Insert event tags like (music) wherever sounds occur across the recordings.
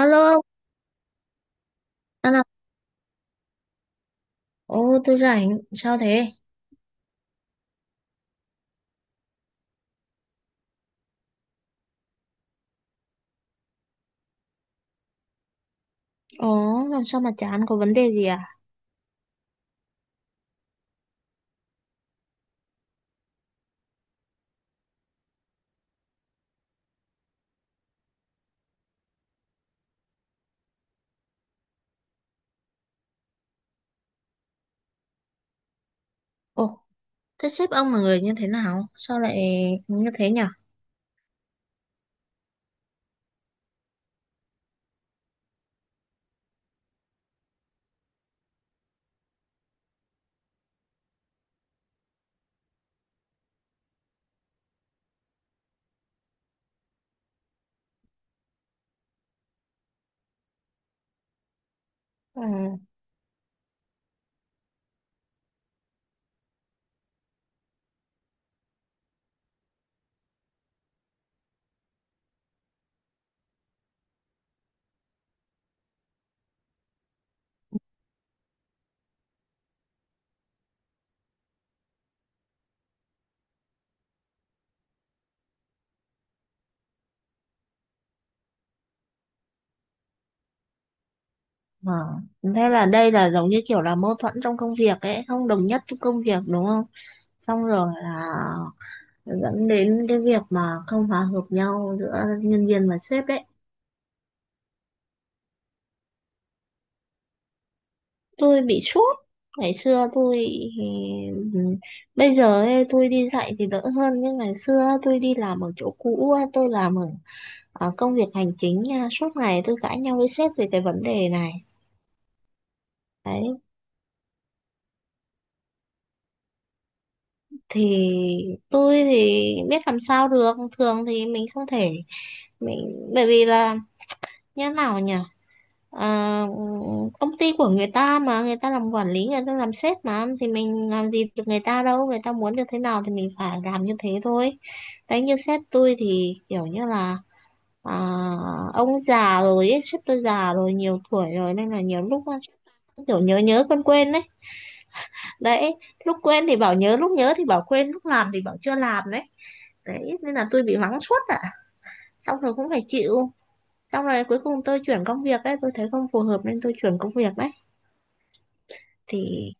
Alo, anh à, ồ tôi rảnh, sao thế? Ồ, làm sao mà chán có vấn đề gì à? Ồ, thế sếp ông là người như thế nào? Sao lại như thế nhỉ? Ừ. Ờ, thế là đây là giống như kiểu là mâu thuẫn trong công việc ấy, không đồng nhất trong công việc đúng không? Xong rồi là dẫn đến cái việc mà không hòa hợp nhau giữa nhân viên và sếp đấy. Tôi bị sốt ngày xưa tôi ừ, ừ, bây giờ ấy, tôi đi dạy thì đỡ hơn nhưng ngày xưa tôi đi làm ở chỗ cũ á, tôi làm ở, ở công việc hành chính nha, suốt ngày tôi cãi nhau với sếp về cái vấn đề này. Đấy thì tôi thì biết làm sao được, thường thì mình không thể, mình bởi vì là như thế nào nhỉ, à, công ty của người ta mà người ta làm quản lý, người ta làm sếp mà thì mình làm gì được người ta đâu, người ta muốn được thế nào thì mình phải làm như thế thôi. Đấy như sếp tôi thì kiểu như là à, ông già rồi ấy, sếp tôi già rồi, nhiều tuổi rồi nên là nhiều lúc kiểu nhớ nhớ quên quên đấy. Đấy, lúc quên thì bảo nhớ, lúc nhớ thì bảo quên, lúc làm thì bảo chưa làm đấy. Đấy nên là tôi bị mắng suốt ạ, xong rồi cũng phải chịu, xong rồi cuối cùng tôi chuyển công việc ấy, tôi thấy không phù hợp nên tôi chuyển công việc đấy. Thì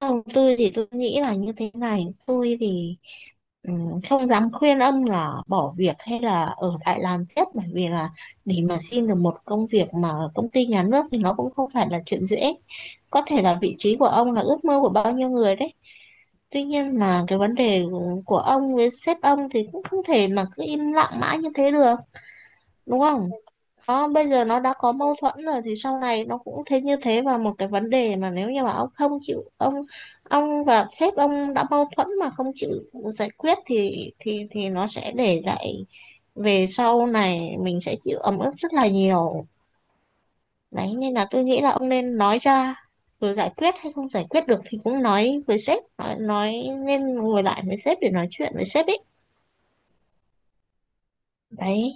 không, tôi thì tôi nghĩ là như thế này, tôi thì ừ, không dám khuyên ông là bỏ việc hay là ở lại làm tiếp, bởi vì là để mà xin được một công việc mà ở công ty nhà nước thì nó cũng không phải là chuyện dễ, có thể là vị trí của ông là ước mơ của bao nhiêu người đấy. Tuy nhiên là cái vấn đề của ông với sếp ông thì cũng không thể mà cứ im lặng mãi như thế được, đúng không? Đó, bây giờ nó đã có mâu thuẫn rồi thì sau này nó cũng thế như thế, và một cái vấn đề mà nếu như mà ông không chịu ông và sếp ông đã mâu thuẫn mà không chịu giải quyết thì thì nó sẽ để lại về sau này, mình sẽ chịu ấm ức rất là nhiều. Đấy nên là tôi nghĩ là ông nên nói ra, rồi giải quyết hay không giải quyết được thì cũng nói với sếp, nói nên ngồi lại với sếp để nói chuyện với sếp ấy đấy.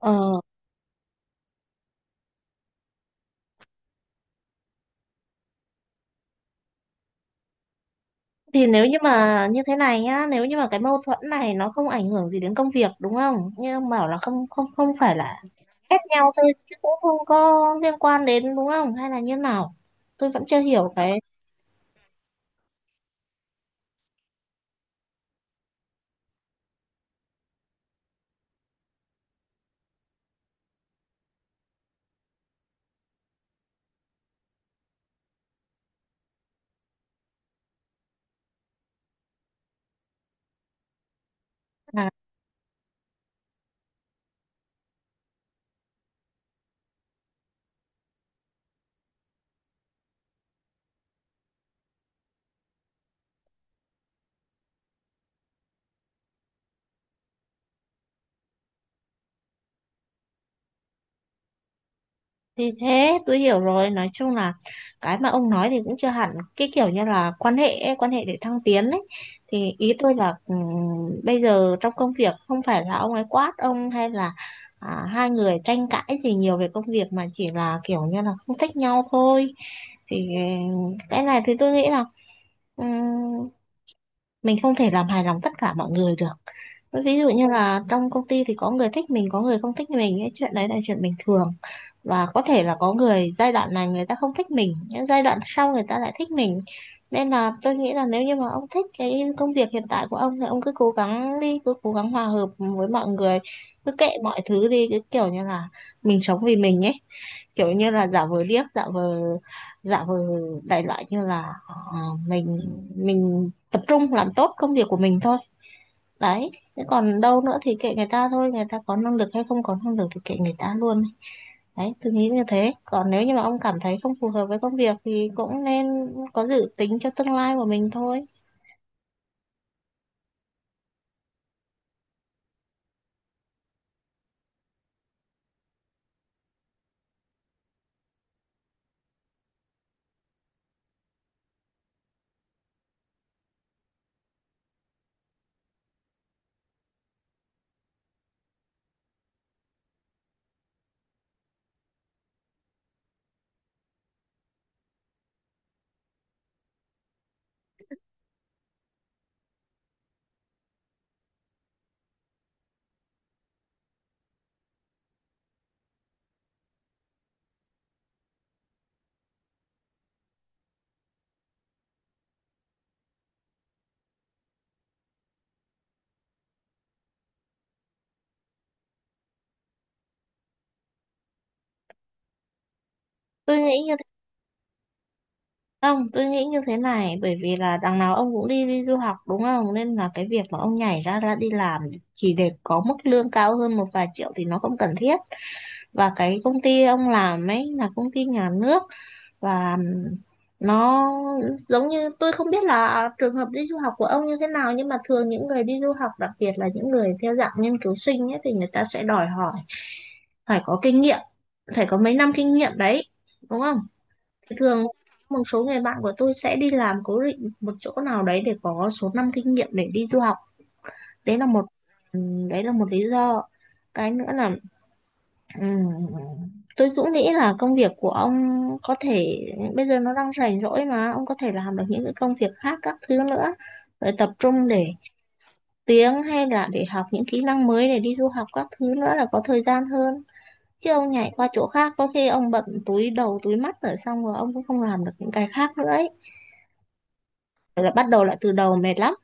Ờ thì nếu như mà như thế này nhá, nếu như mà cái mâu thuẫn này nó không ảnh hưởng gì đến công việc đúng không, như ông bảo là không không không phải là ghét nhau thôi chứ cũng không có liên quan đến đúng không, hay là như nào, tôi vẫn chưa hiểu cái. Thì thế tôi hiểu rồi, nói chung là cái mà ông nói thì cũng chưa hẳn, cái kiểu như là quan hệ ấy, quan hệ để thăng tiến ấy, thì ý tôi là bây giờ trong công việc không phải là ông ấy quát ông, hay là à, hai người tranh cãi gì nhiều về công việc mà chỉ là kiểu như là không thích nhau thôi. Thì ừ, cái này thì tôi nghĩ là ừ, mình không thể làm hài lòng tất cả mọi người được. Ví dụ như là trong công ty thì có người thích mình, có người không thích mình, cái chuyện đấy là chuyện bình thường, và có thể là có người giai đoạn này người ta không thích mình, những giai đoạn sau người ta lại thích mình. Nên là tôi nghĩ là nếu như mà ông thích cái công việc hiện tại của ông thì ông cứ cố gắng đi, cứ cố gắng hòa hợp với mọi người, cứ kệ mọi thứ đi, cứ kiểu như là mình sống vì mình ấy, kiểu như là giả vờ điếc, giả vờ, giả vờ, đại loại như là ờ, mình mình tập trung làm tốt công việc của mình thôi. Đấy thế còn đâu nữa thì kệ người ta thôi, người ta có năng lực hay không có năng lực thì kệ người ta luôn. Đấy tôi nghĩ như thế, còn nếu như mà ông cảm thấy không phù hợp với công việc thì cũng nên có dự tính cho tương lai của mình thôi. Tôi nghĩ như Không, tôi nghĩ như thế này, bởi vì là đằng nào ông cũng đi đi du học đúng không? Nên là cái việc mà ông nhảy ra ra đi làm chỉ để có mức lương cao hơn một vài triệu thì nó không cần thiết. Và cái công ty ông làm ấy là công ty nhà nước, và nó giống như, tôi không biết là trường hợp đi du học của ông như thế nào, nhưng mà thường những người đi du học, đặc biệt là những người theo dạng nghiên cứu sinh ấy, thì người ta sẽ đòi hỏi phải có kinh nghiệm, phải có mấy năm kinh nghiệm đấy. Đúng không? Thường một số người bạn của tôi sẽ đi làm cố định một chỗ nào đấy để có số năm kinh nghiệm để đi du học. Đấy là một ừ, đấy là một lý do. Cái nữa là ừm, tôi cũng nghĩ là công việc của ông có thể bây giờ nó đang rảnh rỗi mà ông có thể làm được những cái công việc khác các thứ nữa, rồi tập trung để tiếng hay là để học những kỹ năng mới để đi du học các thứ nữa là có thời gian hơn. Chứ ông nhảy qua chỗ khác có khi ông bận túi đầu túi mắt rồi, xong rồi ông cũng không làm được những cái khác nữa ấy, là bắt đầu lại từ đầu mệt lắm.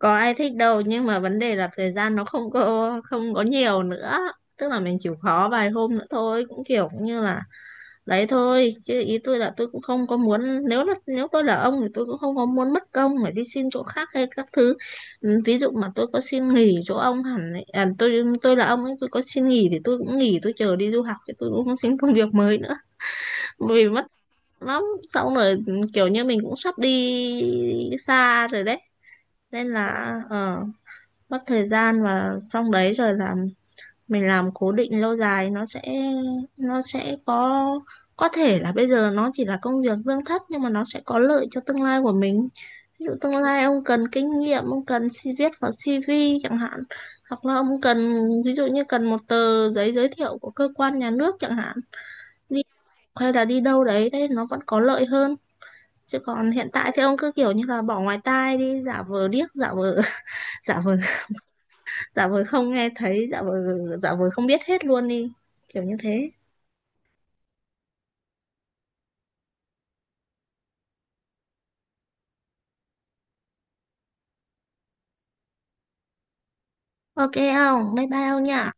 Có ai thích đâu, nhưng mà vấn đề là thời gian nó không có nhiều nữa, tức là mình chịu khó vài hôm nữa thôi cũng kiểu như là đấy thôi. Chứ ý tôi là tôi cũng không có muốn, nếu là nếu tôi là ông thì tôi cũng không có muốn mất công phải đi xin chỗ khác hay các thứ. Ừ, ví dụ mà tôi có xin nghỉ chỗ ông hẳn ấy, à, tôi là ông ấy tôi có xin nghỉ thì tôi cũng nghỉ, tôi chờ đi du học thì tôi cũng không xin công việc mới nữa, vì mất lắm. Xong rồi kiểu như mình cũng sắp đi xa rồi đấy, nên là ờ, mất thời gian, và xong đấy rồi là mình làm cố định lâu dài nó sẽ, nó sẽ có thể là bây giờ nó chỉ là công việc lương thấp nhưng mà nó sẽ có lợi cho tương lai của mình. Ví dụ tương lai ông cần kinh nghiệm, ông cần viết vào CV chẳng hạn, hoặc là ông cần ví dụ như cần một tờ giấy giới thiệu của cơ quan nhà nước chẳng hạn đi, hay là đi đâu đấy, đấy nó vẫn có lợi hơn. Chứ còn hiện tại thì ông cứ kiểu như là bỏ ngoài tai đi, giả vờ điếc, giả vờ (laughs) giả vờ, giả vờ không nghe thấy, giả vờ, giả vờ không biết hết luôn đi, kiểu như thế. Ok không, bye bye ông nha.